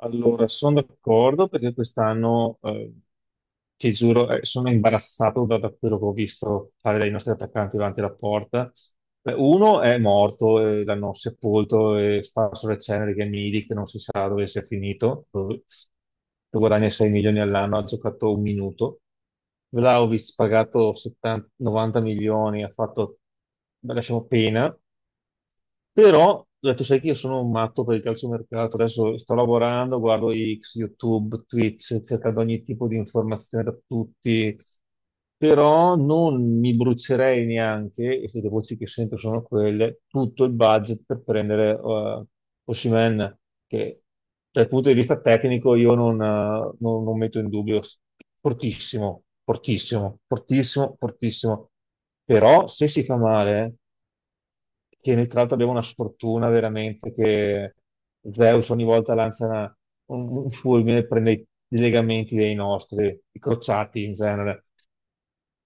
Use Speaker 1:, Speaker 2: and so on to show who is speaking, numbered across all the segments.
Speaker 1: Allora, sono d'accordo perché quest'anno, ti giuro, sono imbarazzato da quello che ho visto fare dai nostri attaccanti davanti alla porta. Beh, uno è morto, l'hanno sepolto e sparso le ceneri, che è Milik, che non si sa dove sia finito, dove, che guadagna 6 milioni all'anno, ha giocato un minuto. Vlahovic pagato 70 90 milioni, ha fatto, beh, lasciamo pena. Però ho detto, sai che io sono un matto per il calciomercato, adesso sto lavorando, guardo X, YouTube, Twitch, cercando ogni tipo di informazione da tutti, però non mi brucerei neanche, e se le voci che sento sono quelle, tutto il budget per prendere Osimen Osimhen, che dal punto di vista tecnico io non metto in dubbio, fortissimo, fortissimo, fortissimo, fortissimo, però se si fa male, che noi tra l'altro abbiamo una sfortuna veramente che Zeus ogni volta lancia un fulmine e prende i legamenti dei nostri, i crociati in genere.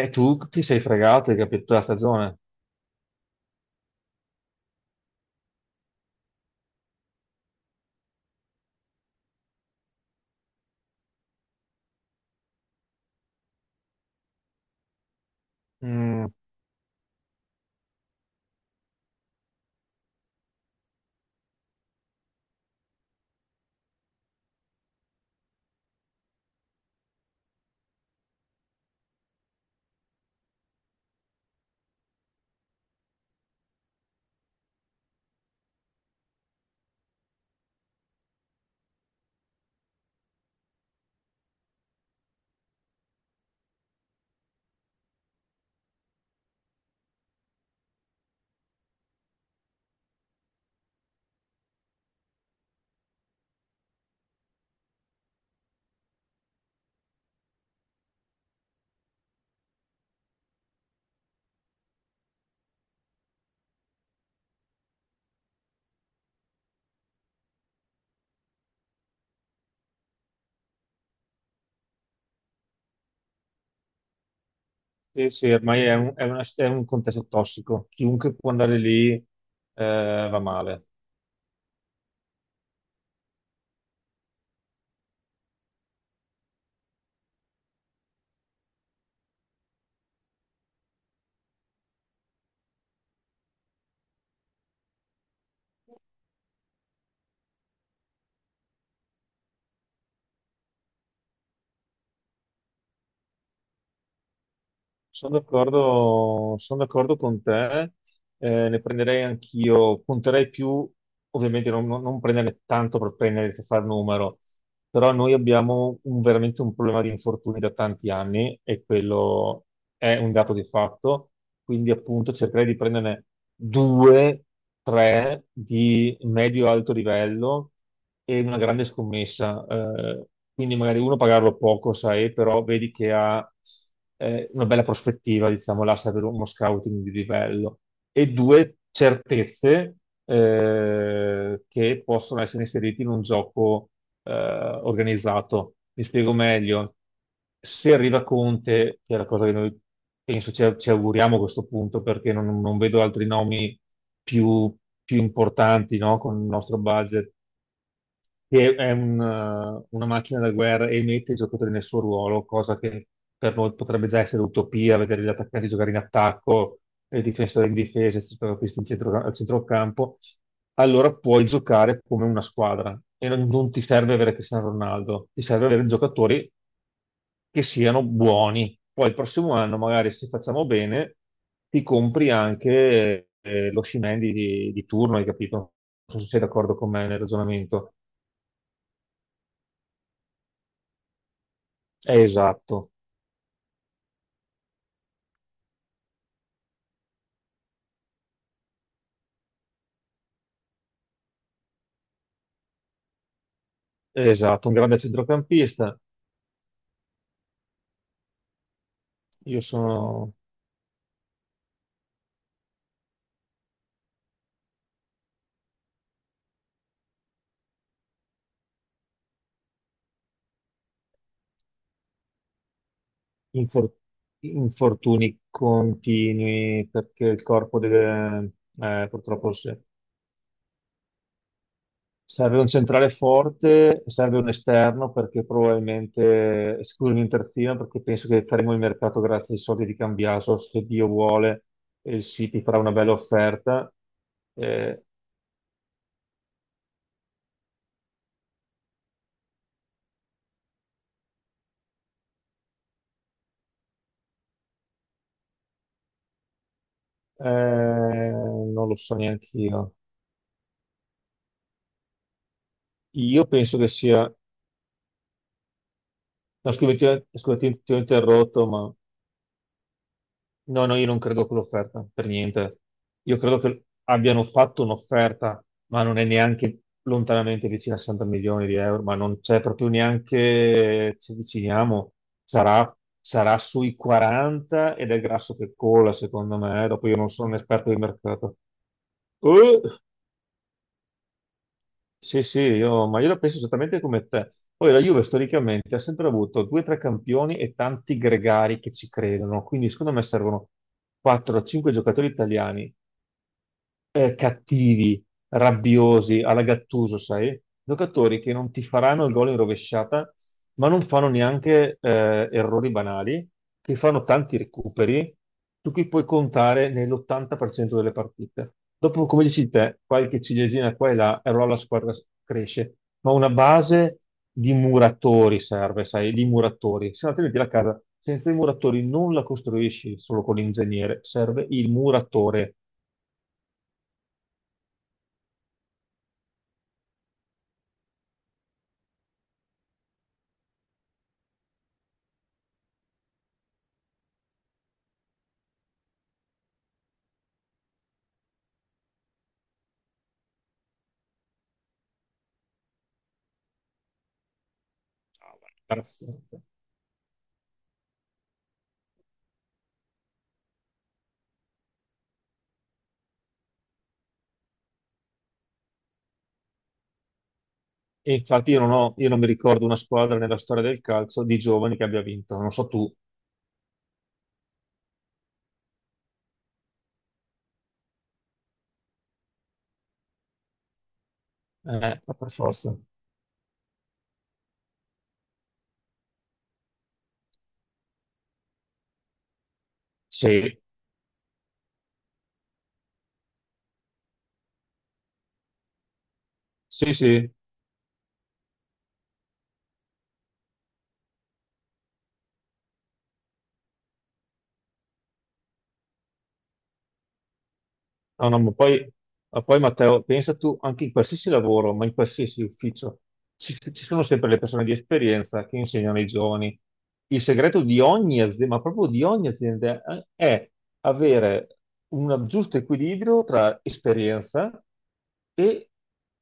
Speaker 1: E tu ti sei fregato, hai capito, la stagione. Mm, sì, sì, ormai è è un contesto tossico. Chiunque può andare lì, va male. Sono d'accordo con te, ne prenderei anch'io, punterei più, ovviamente non prenderne tanto per prendere, per far numero, però noi abbiamo un- veramente un problema di infortuni da tanti anni e quello è un dato di fatto, quindi appunto cercherei di prenderne due, tre di medio-alto livello e una grande scommessa. Eh, quindi magari uno pagarlo poco, sai, però vedi che ha, una bella prospettiva, diciamo, là, sai, per uno scouting di livello. E due, certezze, che possono essere inserite in un gioco organizzato. Mi spiego meglio. Se arriva Conte, che è la cosa che noi penso ci auguriamo a questo punto, perché non vedo altri nomi più, più importanti, no, con il nostro budget, che è un, una macchina da guerra e mette i giocatori nel suo ruolo, cosa che per noi potrebbe già essere utopia, vedere gli attaccanti giocare in attacco, e i difensori in difesa, i centrocampisti in centro- al centrocampo, allora puoi giocare come una squadra e non ti serve avere Cristiano Ronaldo, ti serve avere giocatori che siano buoni. Poi il prossimo anno, magari se facciamo bene, ti compri anche, lo Scimendi di turno, hai capito? Non so se sei d'accordo con me nel ragionamento. Esatto, esatto, un grande centrocampista. Io sono infor- infortuni continui, perché il corpo deve, purtroppo se- serve un centrale forte, serve un esterno, perché probabilmente, scusami, un terzino, perché penso che faremo il mercato grazie ai soldi di Cambiaso, se Dio vuole, e il City farà una bella offerta. Eh, eh, non lo so neanche io. Io penso che sia. No, scusami, ti ho, scusa, ti- ti ho interrotto, ma no, no, io non credo a quell'offerta, per niente. Io credo che abbiano fatto un'offerta, ma non è neanche lontanamente vicina a 60 milioni di euro, ma non c'è proprio, neanche ci avviciniamo, sarà, sarà sui 40 ed è il grasso che cola, secondo me, dopo io non sono un esperto di mercato. Uh! Sì, sì, io, ma io la penso esattamente come te. Poi la Juve storicamente ha sempre avuto due o tre campioni e tanti gregari che ci credono, quindi secondo me servono 4-5 giocatori italiani, cattivi, rabbiosi, alla Gattuso, sai? Giocatori che non ti faranno il gol in rovesciata, ma non fanno neanche, errori banali, che fanno tanti recuperi, su cui puoi contare nell'80% delle partite. Dopo, come dici te, qualche ciliegina qua e là, e allora la squadra s- cresce. Ma una base di muratori serve, sai, di muratori. Se no, altrimenti la casa senza i muratori non la costruisci solo con l'ingegnere, serve il muratore. Imbarazzante. E infatti io non ho- io non mi ricordo una squadra nella storia del calcio di giovani che abbia vinto, non so tu, ma per forza. Sì, sì, sì. No, no, ma poi, Matteo, pensa tu, anche in qualsiasi lavoro, ma in qualsiasi ufficio, ci sono sempre le persone di esperienza che insegnano ai giovani. Il segreto di ogni azienda, ma proprio di ogni azienda, è avere un giusto equilibrio tra esperienza e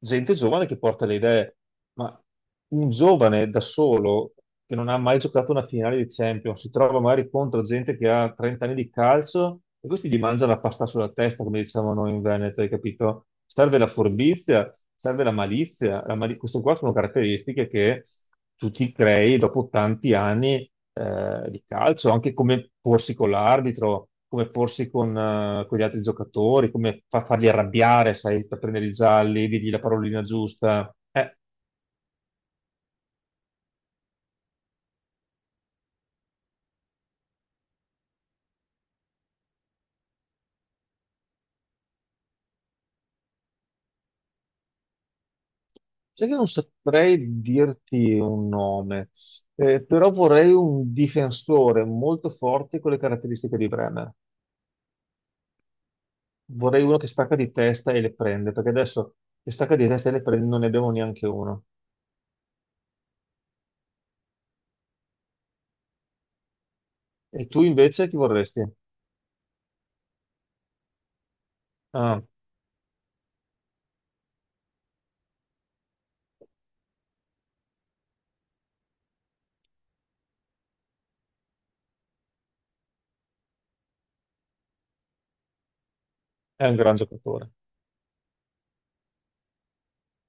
Speaker 1: gente giovane che porta le idee. Ma un giovane da solo, che non ha mai giocato una finale di Champions, si trova magari contro gente che ha 30 anni di calcio, e questi gli mangiano la pasta sulla testa, come diciamo noi in Veneto, hai capito? Serve la furbizia, serve la malizia. La mali- queste qua sono caratteristiche che tu ti crei dopo tanti anni di calcio, anche come porsi con l'arbitro, come porsi con gli altri giocatori, come farli arrabbiare, sai, per prendere i gialli, dirgli la parolina giusta. Sai che non saprei dirti un nome, però vorrei un difensore molto forte con le caratteristiche di Bremer. Vorrei uno che stacca di testa e le prende, perché adesso, che stacca di testa e le prende, non ne abbiamo neanche uno. E tu invece chi vorresti? Ah. È un gran giocatore.